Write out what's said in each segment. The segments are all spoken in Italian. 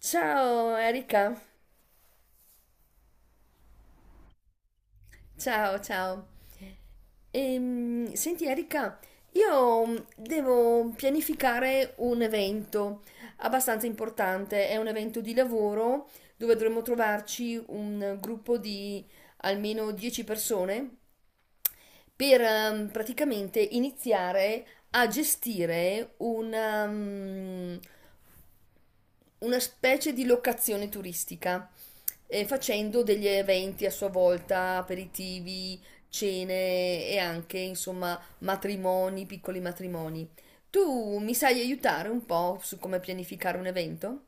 Ciao Erika, ciao ciao. Senti Erika, io devo pianificare un evento abbastanza importante, è un evento di lavoro dove dovremmo trovarci un gruppo di almeno 10 persone per praticamente iniziare a gestire una specie di locazione turistica, facendo degli eventi a sua volta, aperitivi, cene e anche, insomma, matrimoni, piccoli matrimoni. Tu mi sai aiutare un po' su come pianificare un evento?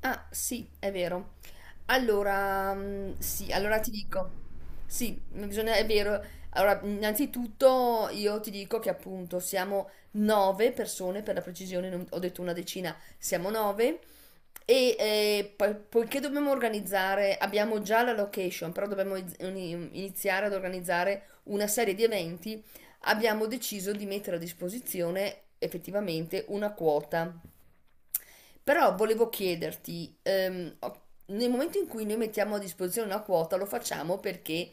Ah, sì, è vero. Allora, sì, allora ti dico sì, bisogna è vero. Allora, innanzitutto io ti dico che appunto siamo 9 persone, per la precisione non ho detto una decina, siamo 9 e, poi poiché dobbiamo organizzare abbiamo già la location, però dobbiamo iniziare ad organizzare una serie di eventi, abbiamo deciso di mettere a disposizione effettivamente una quota. Però volevo chiederti, nel momento in cui noi mettiamo a disposizione una quota, lo facciamo perché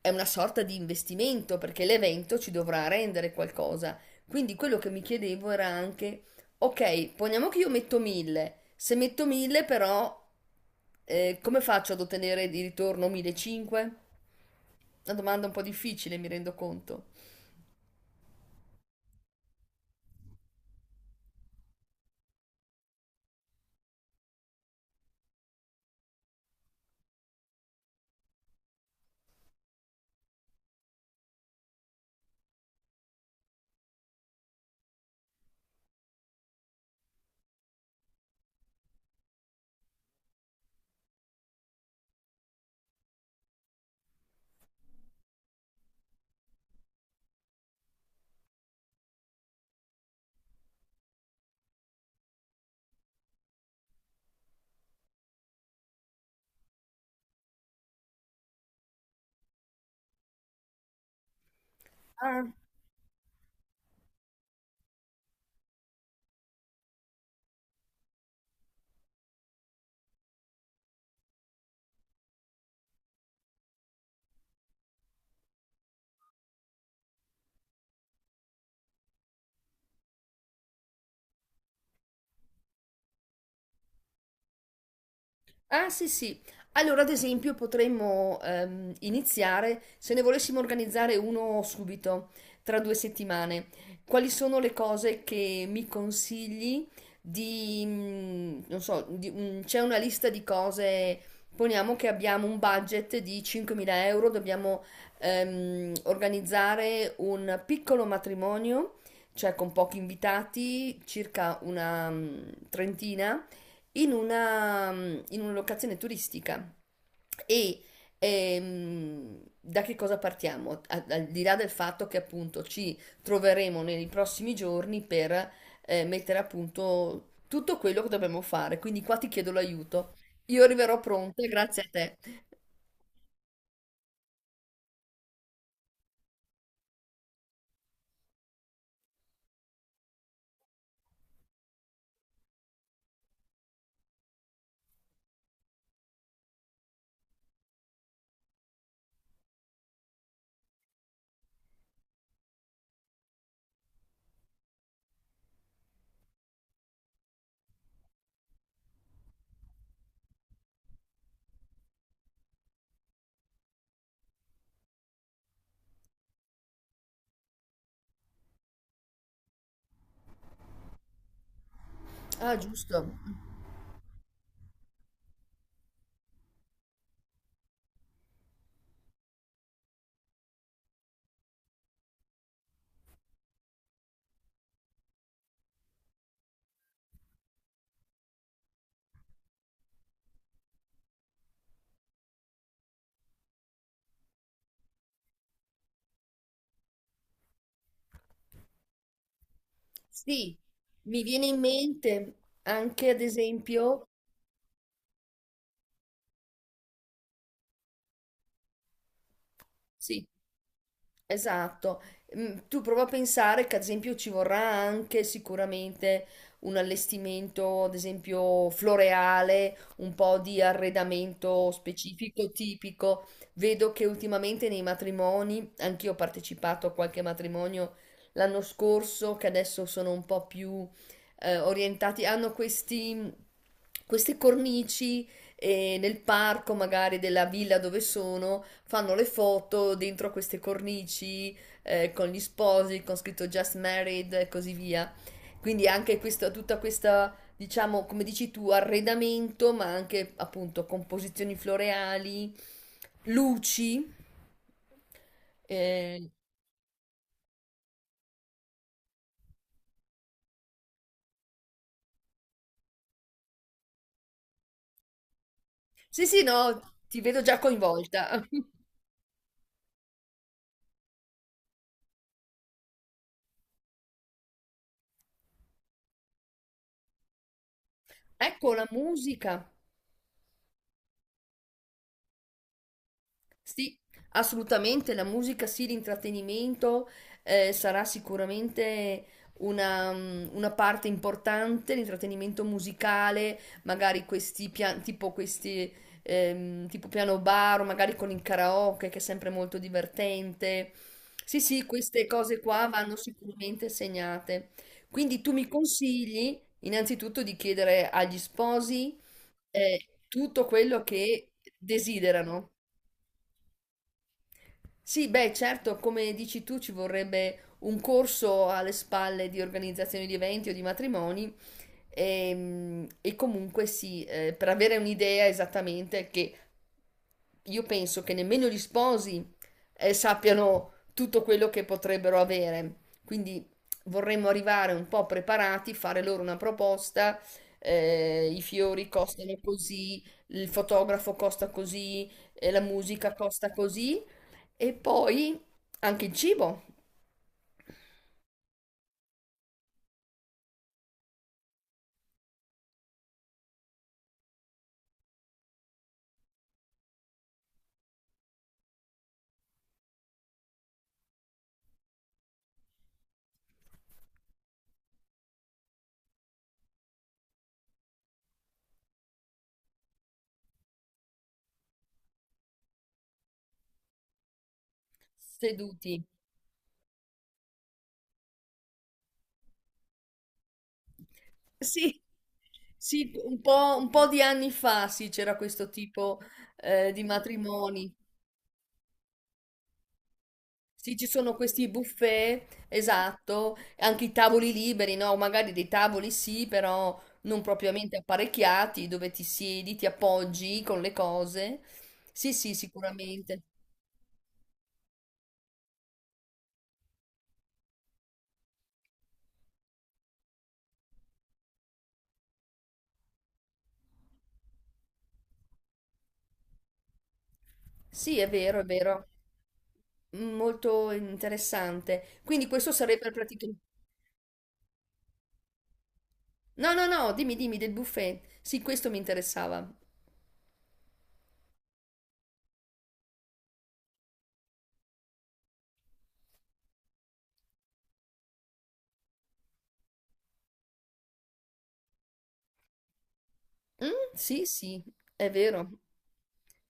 è una sorta di investimento, perché l'evento ci dovrà rendere qualcosa. Quindi quello che mi chiedevo era anche, ok, poniamo che io metto 1000, se metto 1000 però come faccio ad ottenere di ritorno 1500? Una domanda un po' difficile, mi rendo conto. Ah sì sì, allora ad esempio potremmo iniziare se ne volessimo organizzare uno subito, tra 2 settimane. Quali sono le cose che mi consigli non so, c'è una lista di cose, poniamo che abbiamo un budget di 5.000 euro, dobbiamo organizzare un piccolo matrimonio, cioè con pochi invitati, circa una trentina in una locazione turistica. E da che cosa partiamo? Al di là del fatto che appunto ci troveremo nei prossimi giorni per mettere a punto tutto quello che dobbiamo fare, quindi qua ti chiedo l'aiuto. Io arriverò pronta, grazie a te. Ah, giusto. Sì, mi viene in mente anche ad esempio, sì. Esatto, Mm, tu prova a pensare che ad esempio ci vorrà anche sicuramente un allestimento, ad esempio floreale, un po' di arredamento specifico, tipico. Vedo che ultimamente nei matrimoni, anch'io ho partecipato a qualche matrimonio l'anno scorso, che adesso sono un po' più orientati, hanno questi, queste cornici e nel parco magari della villa dove sono fanno le foto dentro a queste cornici con gli sposi, con scritto Just Married e così via. Quindi anche questa, tutta questa, diciamo, come dici tu, arredamento, ma anche appunto composizioni floreali, luci. eh. Sì, sì, no, ti vedo già coinvolta. Ecco la musica. Sì, assolutamente, la musica sì, l'intrattenimento sarà sicuramente una parte importante, l'intrattenimento musicale, magari tipo questi tipo piano bar, o magari con il karaoke che è sempre molto divertente. Sì, sì, queste cose qua vanno sicuramente segnate. Quindi tu mi consigli innanzitutto di chiedere agli sposi tutto quello che desiderano. Sì, beh, certo, come dici tu, ci vorrebbe un corso alle spalle di organizzazione di eventi o di matrimoni. E, comunque sì, per avere un'idea esattamente che io penso che nemmeno gli sposi sappiano tutto quello che potrebbero avere. Quindi vorremmo arrivare un po' preparati, fare loro una proposta, i fiori costano così, il fotografo costa così, la musica costa così e poi anche il cibo, seduti. Sì, sì, un po' di anni fa sì, c'era questo tipo di matrimoni. Sì, ci sono questi buffet, esatto, anche i tavoli liberi, no? Magari dei tavoli sì, però non propriamente apparecchiati, dove ti siedi, ti appoggi con le cose. Sì, sì, sicuramente. Sì, è vero, è vero. Molto interessante. Quindi questo sarebbe praticamente... No, no, no, dimmi, dimmi del buffet. Sì, questo mi interessava. Mm, sì, sì, è vero.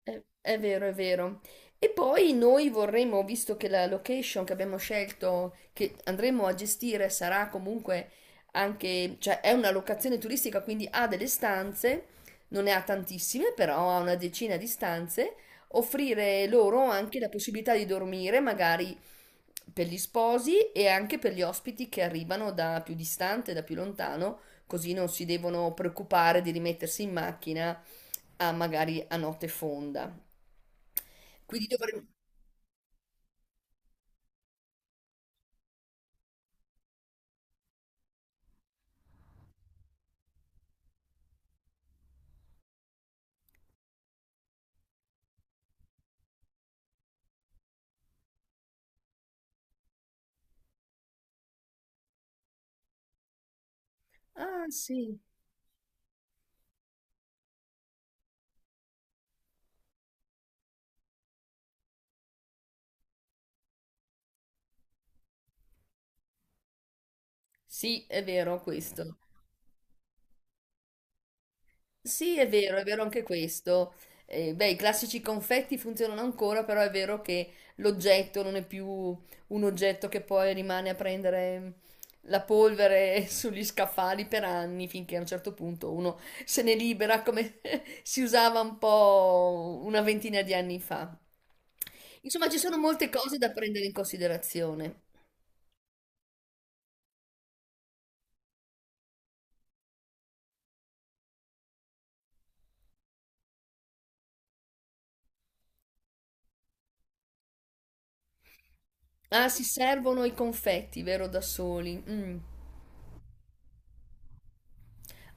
È vero, è vero. E poi noi vorremmo, visto che la location che abbiamo scelto, che andremo a gestire, sarà comunque anche, cioè è una locazione turistica, quindi ha delle stanze, non ne ha tantissime, però ha una decina di stanze, offrire loro anche la possibilità di dormire, magari per gli sposi e anche per gli ospiti che arrivano da più distante, da più lontano così non si devono preoccupare di rimettersi in macchina a magari a notte fonda. Quindi dovremmo... Ah, sì. Sì, è vero questo. Sì, è vero anche questo. Beh, i classici confetti funzionano ancora, però è vero che l'oggetto non è più un oggetto che poi rimane a prendere la polvere sugli scaffali per anni, finché a un certo punto uno se ne libera, come si usava un po' una ventina di anni fa. Insomma, ci sono molte cose da prendere in considerazione. Ah, si servono i confetti, vero, da soli. Mm.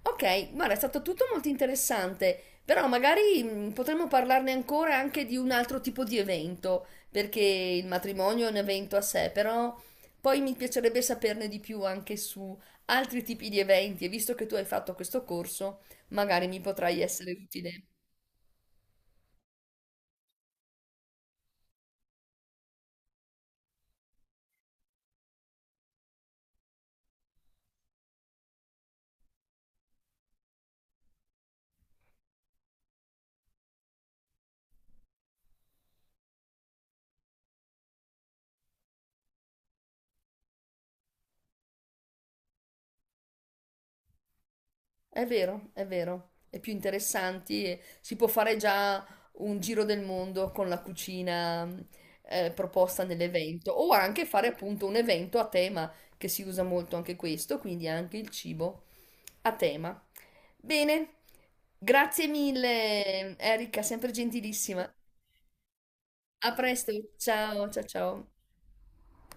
Ok, guarda, è stato tutto molto interessante, però magari potremmo parlarne ancora anche di un altro tipo di evento, perché il matrimonio è un evento a sé, però poi mi piacerebbe saperne di più anche su altri tipi di eventi e visto che tu hai fatto questo corso, magari mi potrai essere utile. È vero, è vero, è più interessanti e si può fare già un giro del mondo con la cucina proposta nell'evento o anche fare appunto un evento a tema che si usa molto anche questo, quindi anche il cibo a tema. Bene, grazie mille Erika, sempre gentilissima. A presto, ciao, ciao, ciao.